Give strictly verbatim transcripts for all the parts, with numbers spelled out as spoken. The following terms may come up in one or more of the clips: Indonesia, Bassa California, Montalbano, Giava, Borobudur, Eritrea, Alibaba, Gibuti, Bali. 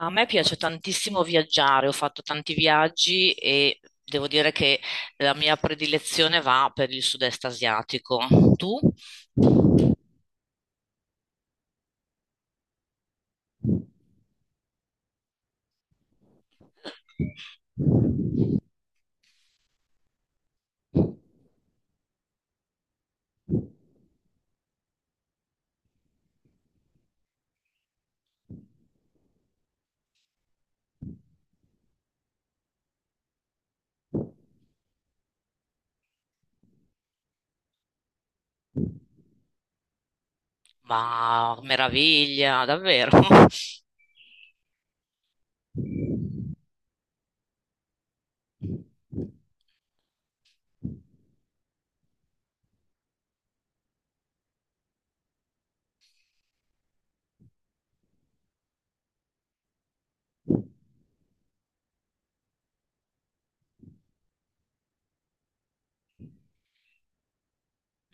A me piace tantissimo viaggiare, ho fatto tanti viaggi e devo dire che la mia predilezione va per il sud-est asiatico. Tu? Ma meraviglia, davvero.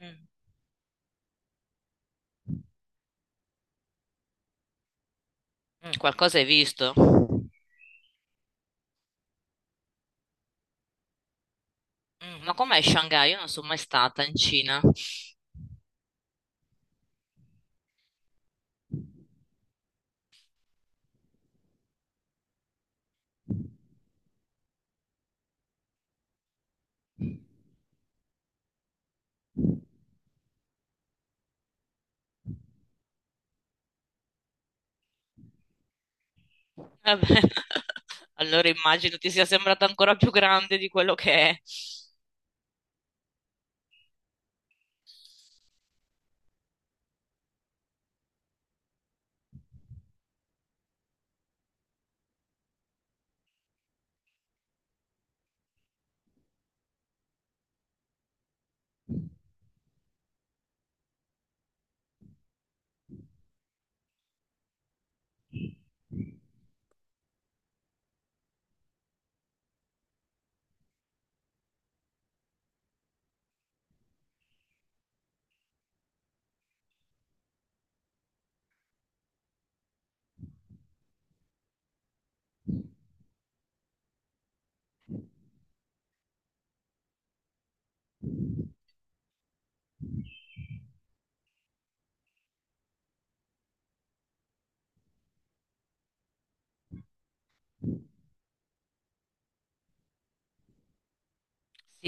Mm. Mm, qualcosa hai visto? Mm, ma com'è Shanghai? Io non sono mai stata in Cina. Vabbè. Allora immagino ti sia sembrata ancora più grande di quello che è. Sì,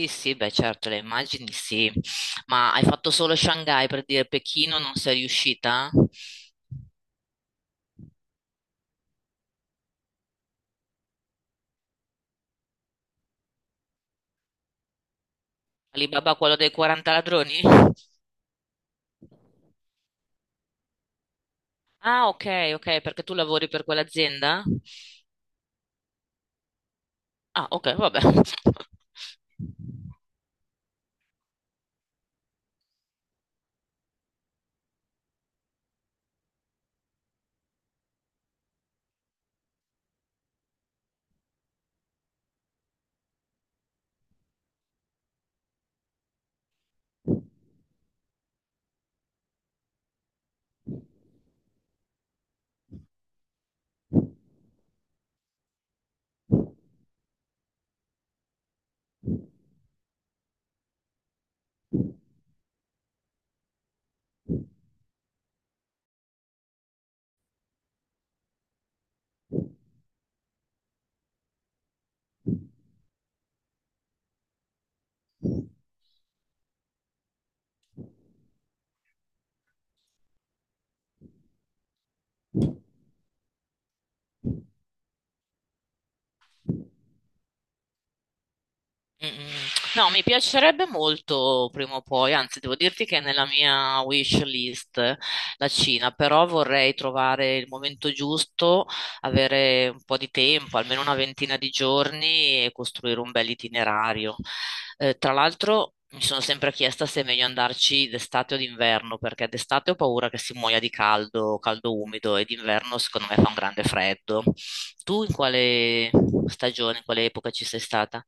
sì, beh, certo, le immagini sì. Ma hai fatto solo Shanghai per dire Pechino non sei riuscita? Alibaba, quello dei quaranta ladroni? Ah, ok, ok, perché tu lavori per quell'azienda? Ah, ok, vabbè. Mm, mm. No, mi piacerebbe molto prima o poi, anzi devo dirti che è nella mia wish list la Cina, però vorrei trovare il momento giusto, avere un po' di tempo, almeno una ventina di giorni e costruire un bel itinerario. Eh, tra l'altro mi sono sempre chiesta se è meglio andarci d'estate o d'inverno, perché d'estate ho paura che si muoia di caldo, caldo umido e d'inverno secondo me fa un grande freddo. Tu in quale stagione, in quale epoca ci sei stata?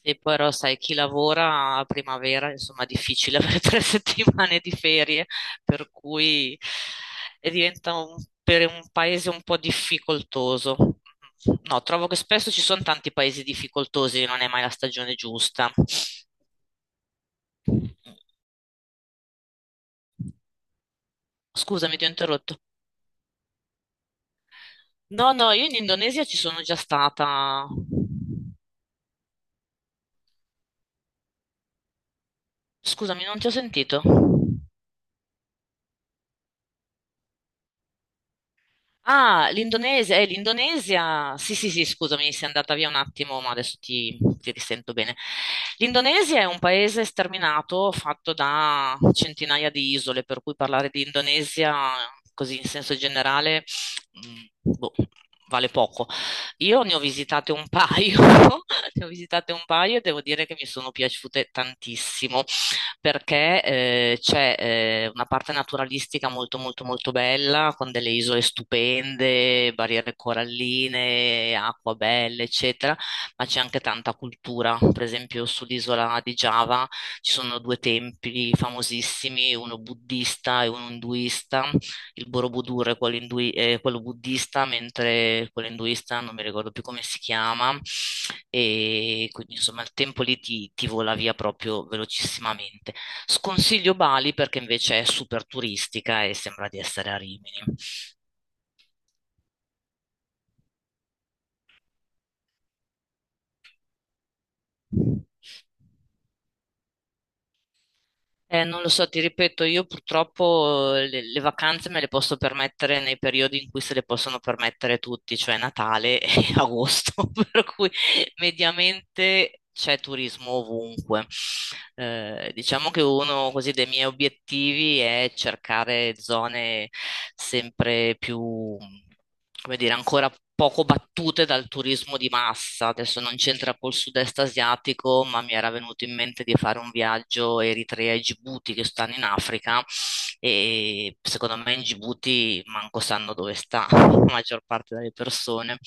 E poi però sai, chi lavora a primavera, insomma, è difficile avere tre settimane di ferie, per cui e diventa un- per un paese un po' difficoltoso. No, trovo che spesso ci sono tanti paesi difficoltosi, non è mai la stagione giusta. Scusami, ti ho interrotto. No, no, io in Indonesia ci sono già stata. Scusami, non ti ho sentito. Ah, l'Indonese- eh, l'Indonesia, sì, sì, sì, scusami, sei andata via un attimo, ma adesso ti, ti risento bene. L'Indonesia è un paese sterminato, fatto da centinaia di isole, per cui parlare di Indonesia, così in senso generale, mh, boh, vale poco. Io ne ho visitate un paio, ne ho visitate un paio e devo dire che mi sono piaciute tantissimo perché eh, c'è eh, una parte naturalistica molto molto molto bella, con delle isole stupende, barriere coralline, acqua belle, eccetera, ma c'è anche tanta cultura. Per esempio sull'isola di Giava ci sono due templi famosissimi, uno buddista e uno induista. Il Borobudur è quello, indui- è quello buddista, mentre quello induista non mi ricordo più come si chiama, e quindi insomma il tempo lì ti, ti vola via proprio velocissimamente. Sconsiglio Bali perché invece è super turistica e sembra di essere a Rimini. Eh, non lo so, ti ripeto, io purtroppo eh, le, le vacanze me le posso permettere nei periodi in cui se le possono permettere tutti, cioè Natale e agosto, per cui mediamente c'è turismo ovunque. Eh, diciamo che uno così dei miei obiettivi è cercare zone sempre più, come dire, ancora poco battute dal turismo di massa. Adesso non c'entra col sud-est asiatico, ma mi era venuto in mente di fare un viaggio Eritrea e Gibuti che stanno in Africa e secondo me in Gibuti manco sanno dove sta la maggior parte delle persone,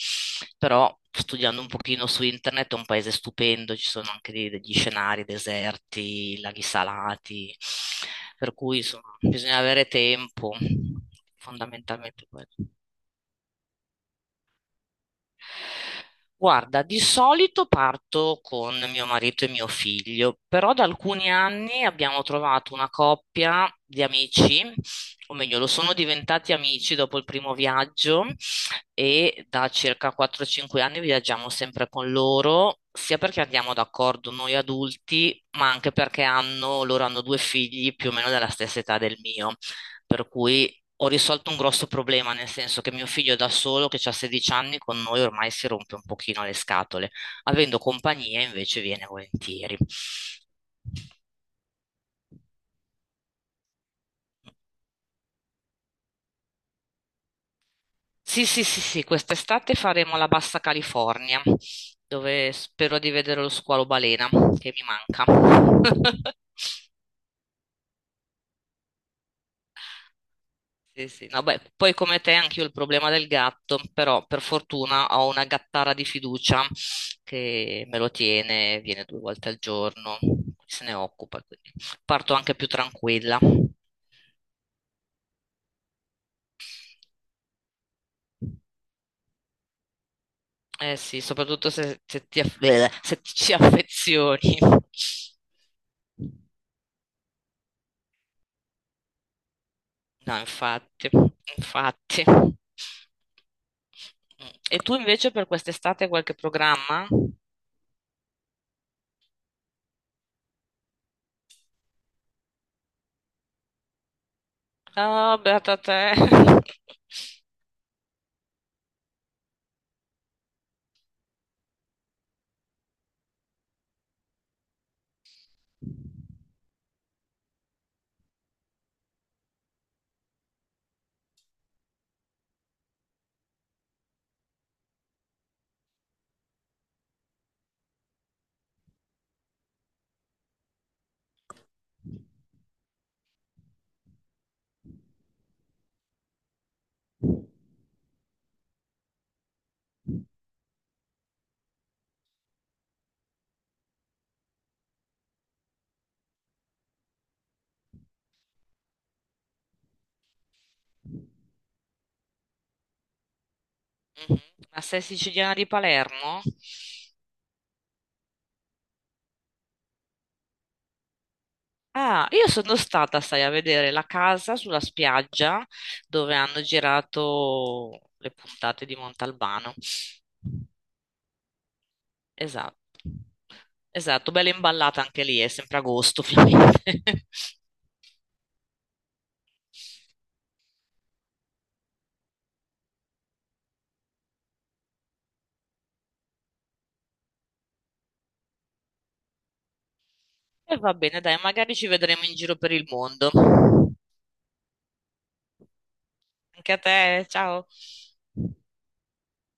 però studiando un pochino su internet è un paese stupendo, ci sono anche dei- degli scenari deserti, laghi salati, per cui insomma, bisogna avere tempo, fondamentalmente quello. Guarda, di solito parto con mio marito e mio figlio, però da alcuni anni abbiamo trovato una coppia di amici, o meglio, lo sono diventati amici dopo il primo viaggio e da circa quattro cinque anni viaggiamo sempre con loro, sia perché andiamo d'accordo noi adulti, ma anche perché hanno, loro hanno due figli più o meno della stessa età del mio, per cui ho risolto un grosso problema, nel senso che mio figlio da solo, che ha sedici anni, con noi ormai si rompe un pochino le scatole. Avendo compagnia invece viene volentieri. Sì, sì, sì, sì, quest'estate faremo la Bassa California, dove spero di vedere lo squalo balena, che mi manca. Sì, sì. No, beh, poi come te anche io ho il problema del gatto, però per fortuna ho una gattara di fiducia che me lo tiene, viene due volte al giorno, se ne occupa, quindi parto anche più tranquilla. Eh sì, soprattutto se, se, ti, aff- eh, se ti ci affezioni. No, infatti, infatti. Mm. E tu invece per quest'estate hai qualche programma? Ah, beata te. Mhm. Ma sei siciliana di Palermo? Ah, io sono stata, sai, a vedere la casa sulla spiaggia dove hanno girato le puntate di Montalbano. Esatto. Esatto, bella imballata anche lì, è sempre agosto, ovviamente. E va bene, dai, magari ci vedremo in giro per il mondo. Anche a te, ciao.